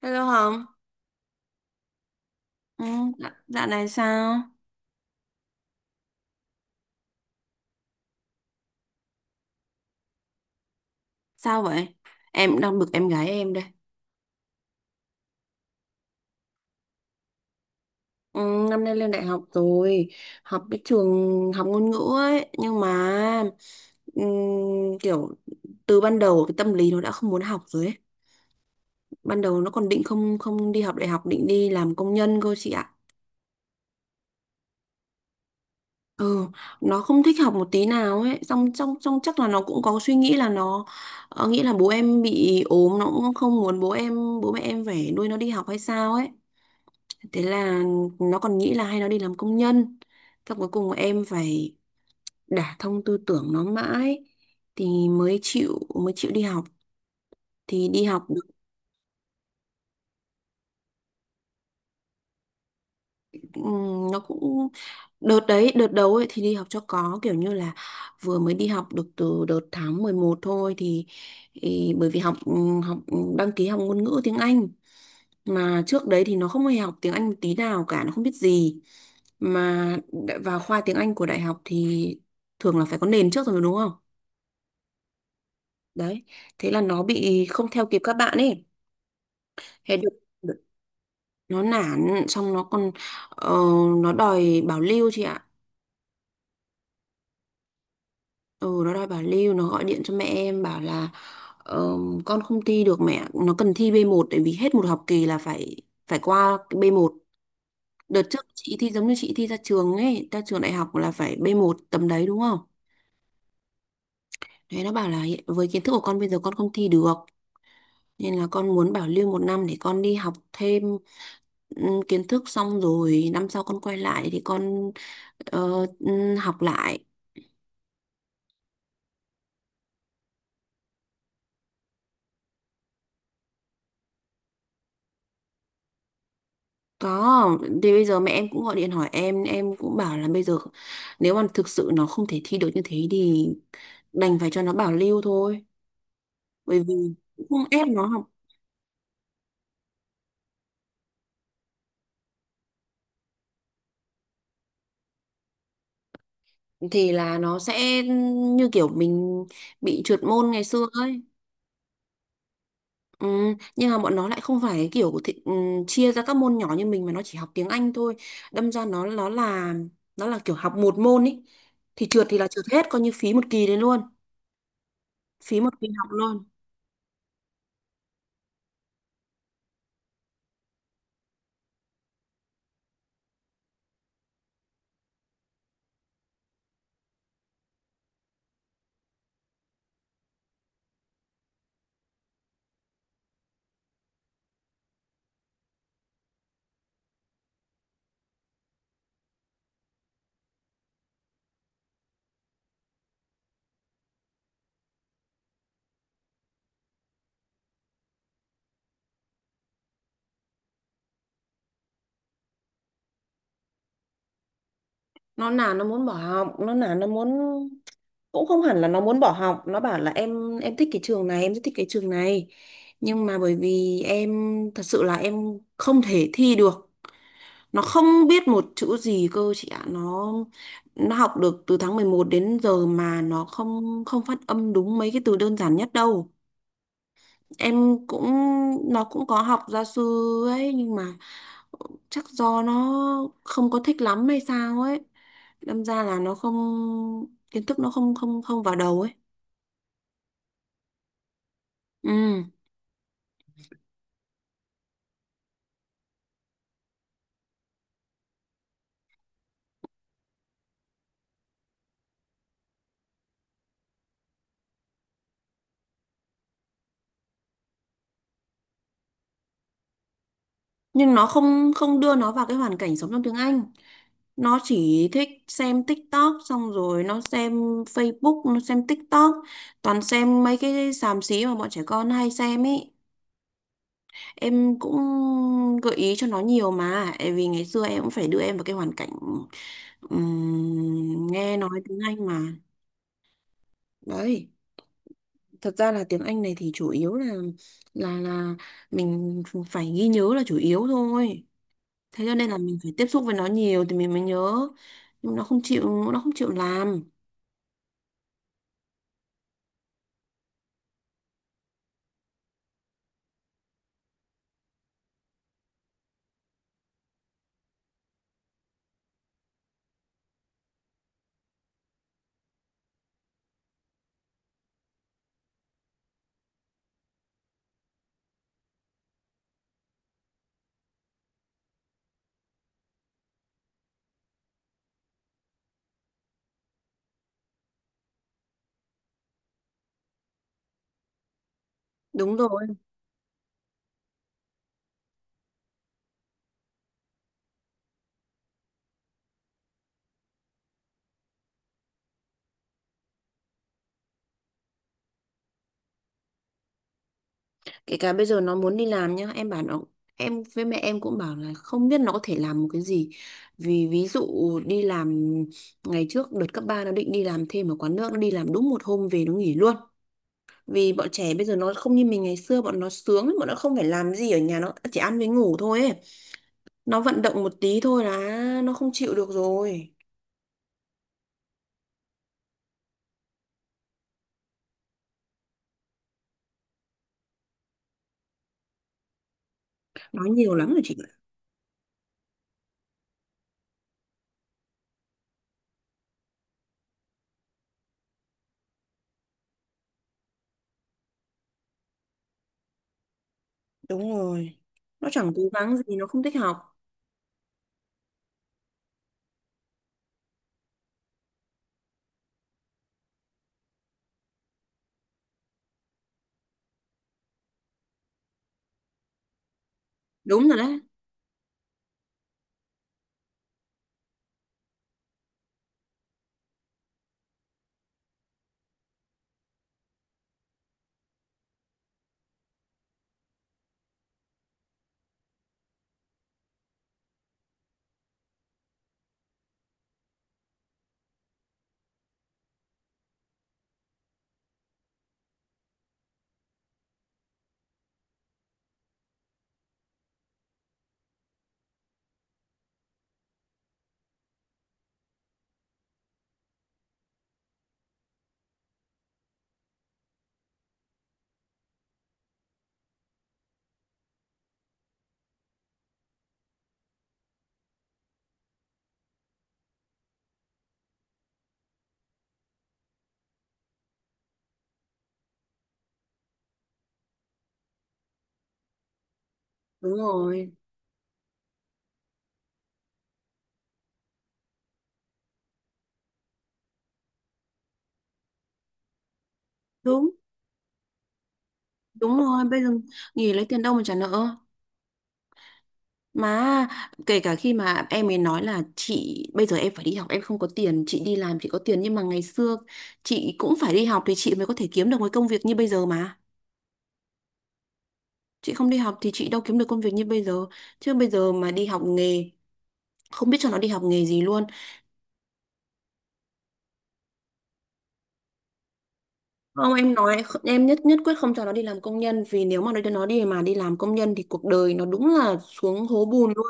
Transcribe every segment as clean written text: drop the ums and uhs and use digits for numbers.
Hello Hồng, ừ, dạ dạo này sao? Sao vậy? Em đang bực em gái em đây. Ừ, năm nay lên đại học rồi, học cái trường học ngôn ngữ ấy, nhưng mà ừm, kiểu từ ban đầu cái tâm lý nó đã không muốn học rồi ấy. Ban đầu nó còn định không không đi học đại học, định đi làm công nhân cơ chị ạ. Ừ, nó không thích học một tí nào ấy, xong trong trong chắc là nó cũng có suy nghĩ là nó nghĩ là bố em bị ốm, nó cũng không muốn bố mẹ em phải nuôi nó đi học hay sao ấy. Thế là nó còn nghĩ là hay nó đi làm công nhân. Thế cuối cùng em phải đả thông tư tưởng nó mãi thì mới chịu đi học. Thì đi học được nó cũng đợt đấy, đợt đầu ấy thì đi học cho có kiểu như là vừa mới đi học được từ đợt tháng 11 thôi thì, bởi vì học học ừ, đăng ký học ngôn ngữ tiếng Anh mà trước đấy thì nó không hề học tiếng Anh một tí nào cả, nó không biết gì mà vào khoa tiếng Anh của đại học thì thường là phải có nền trước rồi đúng không, đấy thế là nó bị không theo kịp các bạn ấy. thế được, được- nó nản xong nó còn ờ, nó đòi bảo lưu chị ạ. Ừ, nó đòi bảo lưu, nó gọi điện cho mẹ em bảo là ờ, con không thi được, mẹ nó cần thi B1 tại vì hết một học kỳ là phải phải qua cái B1. Đợt trước chị thi giống như chị thi ra trường ấy, ra trường đại học là phải b một tầm đấy đúng không? Thế nó bảo là với kiến thức của con bây giờ con không thi được. Nên là con muốn bảo lưu một năm để con đi học thêm kiến thức xong rồi năm sau con quay lại thì con học lại. Có, thì bây giờ mẹ em cũng gọi điện hỏi em cũng bảo là bây giờ nếu mà thực sự nó không thể thi được như thế thì đành phải cho nó bảo lưu thôi. Bởi vì cũng không ép nó học, thì là nó sẽ như kiểu mình bị trượt môn ngày xưa ấy. Ừ, nhưng mà bọn nó lại không phải kiểu của chia ra các môn nhỏ như mình mà nó chỉ học tiếng Anh thôi, đâm ra nó là kiểu học một môn ý, thì trượt thì là trượt hết, coi như phí một kỳ đấy luôn, phí một kỳ học luôn. Nó là nó muốn bỏ học nó là nó muốn cũng không hẳn là nó muốn bỏ học, nó bảo là em thích cái trường này, em rất thích cái trường này, nhưng mà bởi vì em thật sự là em không thể thi được, nó không biết một chữ gì cơ chị ạ, nó học được từ tháng 11 đến giờ mà nó không không phát âm đúng mấy cái từ đơn giản nhất đâu. Em cũng, nó cũng có học gia sư ấy nhưng mà chắc do nó không có thích lắm hay sao ấy, đâm ra là nó không, kiến thức nó không không không vào đầu ấy. Ừ, nhưng nó không không đưa nó vào cái hoàn cảnh sống trong tiếng Anh, nó chỉ thích xem TikTok xong rồi nó xem Facebook, nó xem TikTok, toàn xem mấy cái xàm xí mà bọn trẻ con hay xem ấy. Em cũng gợi ý cho nó nhiều mà tại vì ngày xưa em cũng phải đưa em vào cái hoàn cảnh nghe nói tiếng Anh mà, đấy. Thật ra là tiếng Anh này thì chủ yếu là mình phải ghi nhớ là chủ yếu thôi, thế cho nên là mình phải tiếp xúc với nó nhiều thì mình mới nhớ, nhưng nó không chịu làm. Đúng rồi, kể cả bây giờ nó muốn đi làm nhá, em bảo nó, em với mẹ em cũng bảo là không biết nó có thể làm một cái gì, vì ví dụ đi làm, ngày trước đợt cấp 3 nó định đi làm thêm ở quán nước, nó đi làm đúng một hôm về nó nghỉ luôn, vì bọn trẻ bây giờ nó không như mình ngày xưa, bọn nó sướng lắm, bọn nó không phải làm gì ở nhà, nó chỉ ăn với ngủ thôi ấy. Nó vận động một tí thôi là nó không chịu được rồi. Nói nhiều lắm rồi chị, đúng rồi, nó chẳng cố gắng gì, nó không thích học. Đúng rồi đấy. Đúng rồi. Đúng. Đúng rồi, bây giờ nghỉ lấy tiền đâu mà trả nợ. Mà kể cả khi mà em ấy nói là chị bây giờ em phải đi học em không có tiền, chị đi làm chị có tiền, nhưng mà ngày xưa chị cũng phải đi học thì chị mới có thể kiếm được cái công việc như bây giờ mà, chị không đi học thì chị đâu kiếm được công việc như bây giờ, chứ bây giờ mà đi học nghề, không biết cho nó đi học nghề gì luôn. Không, em nói em nhất nhất quyết không cho nó đi làm công nhân vì nếu mà nó đi mà đi làm công nhân thì cuộc đời nó đúng là xuống hố bùn luôn,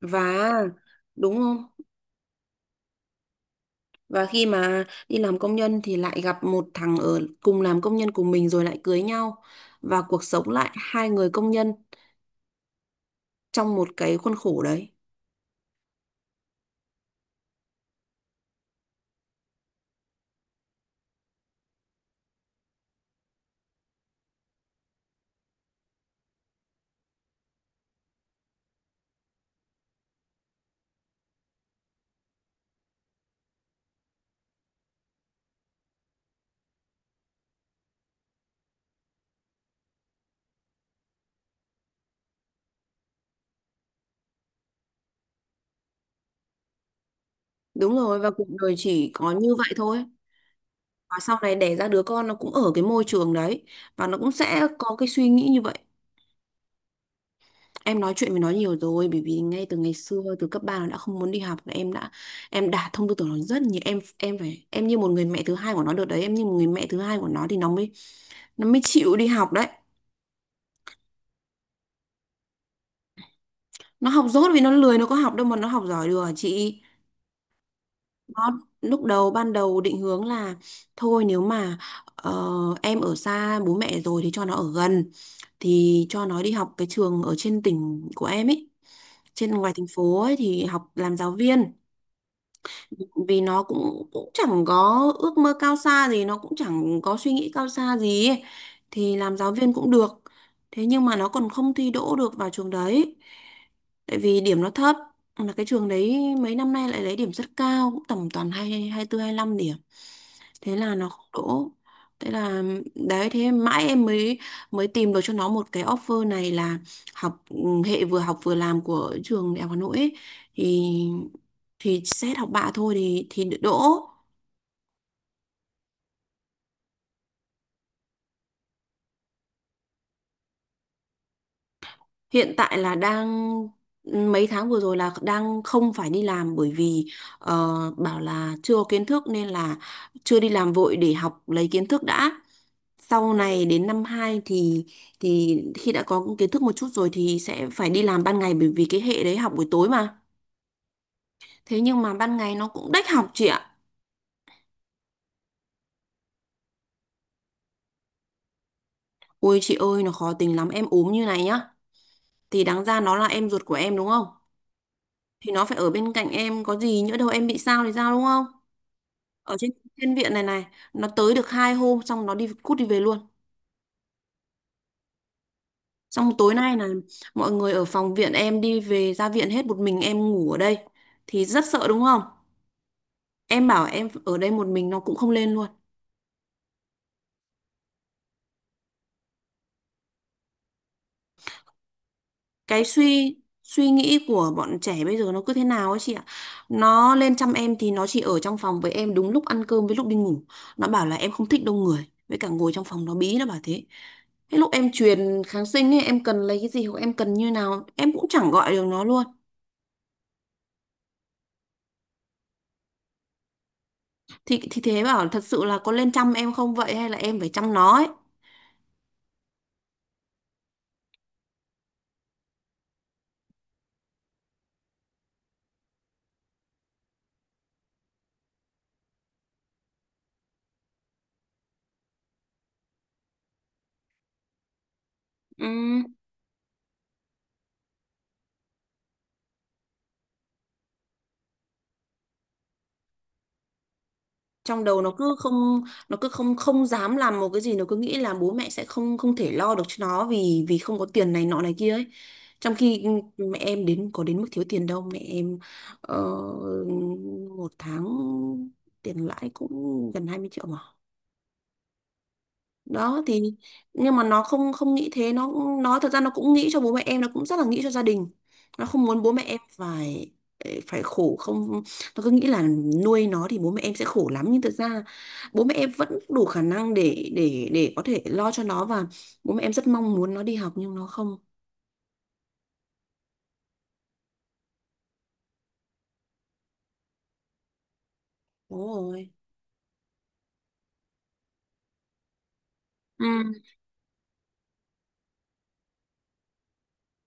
và đúng không? Và khi mà đi làm công nhân thì lại gặp một thằng ở cùng làm công nhân của mình rồi lại cưới nhau, và cuộc sống lại hai người công nhân trong một cái khuôn khổ đấy. Đúng rồi và cuộc đời chỉ có như vậy thôi. Và sau này đẻ ra đứa con nó cũng ở cái môi trường đấy và nó cũng sẽ có cái suy nghĩ như vậy. Em nói chuyện với nó nhiều rồi, bởi vì ngay từ ngày xưa từ cấp 3 nó đã không muốn đi học là em đã thông tư tưởng nó rất nhiều, em phải, em như một người mẹ thứ hai của nó được đấy, em như một người mẹ thứ hai của nó thì nó mới chịu đi học đấy. Nó học dốt vì nó lười, nó có học đâu mà nó học giỏi được hả chị. Nó lúc đầu ban đầu định hướng là thôi nếu mà ờ, em ở xa bố mẹ rồi thì cho nó ở gần, thì cho nó đi học cái trường ở trên tỉnh của em ấy, trên ngoài thành phố ấy thì học làm giáo viên. Vì nó cũng cũng chẳng có ước mơ cao xa gì, nó cũng chẳng có suy nghĩ cao xa gì ấy, thì làm giáo viên cũng được. Thế nhưng mà nó còn không thi đỗ được vào trường đấy tại vì điểm nó thấp, là cái trường đấy mấy năm nay lại lấy điểm rất cao, cũng tầm toàn hai hai tư hai lăm điểm, thế là nó không đỗ. Thế là đấy, thế mãi em mới mới tìm được cho nó một cái offer này là học hệ vừa học vừa làm của trường Đại học Hà Nội ấy, thì xét học bạ thôi thì đỗ. Hiện tại là đang, mấy tháng vừa rồi là đang không phải đi làm bởi vì ờ, bảo là chưa có kiến thức nên là chưa đi làm vội để học lấy kiến thức đã, sau này đến năm 2 thì khi đã có kiến thức một chút rồi thì sẽ phải đi làm ban ngày bởi vì cái hệ đấy học buổi tối mà. Thế nhưng mà ban ngày nó cũng đách học chị ạ. Ôi chị ơi nó khó tính lắm, em ốm như này nhá, thì đáng ra nó là em ruột của em đúng không, thì nó phải ở bên cạnh em, có gì nhỡ đâu em bị sao thì sao đúng không. Ở trên thiên viện này này, nó tới được hai hôm xong nó đi cút đi về luôn, xong tối nay là mọi người ở phòng viện em đi về ra viện hết, một mình em ngủ ở đây thì rất sợ đúng không, em bảo em ở đây một mình nó cũng không lên luôn. Cái suy suy nghĩ của bọn trẻ bây giờ nó cứ thế nào ấy chị ạ, nó lên chăm em thì nó chỉ ở trong phòng với em đúng lúc ăn cơm với lúc đi ngủ, nó bảo là em không thích đông người với cả ngồi trong phòng nó bí nó bảo thế, cái lúc em truyền kháng sinh ấy em cần lấy cái gì hoặc em cần như nào em cũng chẳng gọi được nó luôn. Thì thế bảo thật sự là có lên chăm em không vậy hay là em phải chăm nó ấy. Ừm, Trong đầu nó cứ không không dám làm một cái gì, nó cứ nghĩ là bố mẹ sẽ không không thể lo được cho nó vì vì không có tiền này nọ này kia ấy. Trong khi mẹ em đến có đến mức thiếu tiền đâu, mẹ em ờ, một tháng tiền lãi cũng gần 20 triệu mà. Đó thì nhưng mà nó không không nghĩ thế, nó thật ra nó cũng nghĩ cho bố mẹ em, nó cũng rất là nghĩ cho gia đình. Nó không muốn bố mẹ em phải phải khổ không, nó cứ nghĩ là nuôi nó thì bố mẹ em sẽ khổ lắm nhưng thực ra bố mẹ em vẫn đủ khả năng để có thể lo cho nó, và bố mẹ em rất mong muốn nó đi học nhưng nó không. Đúng rồi. Ừ.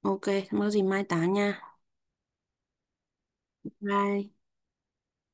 Ok, không có gì mai tám nha. Bye.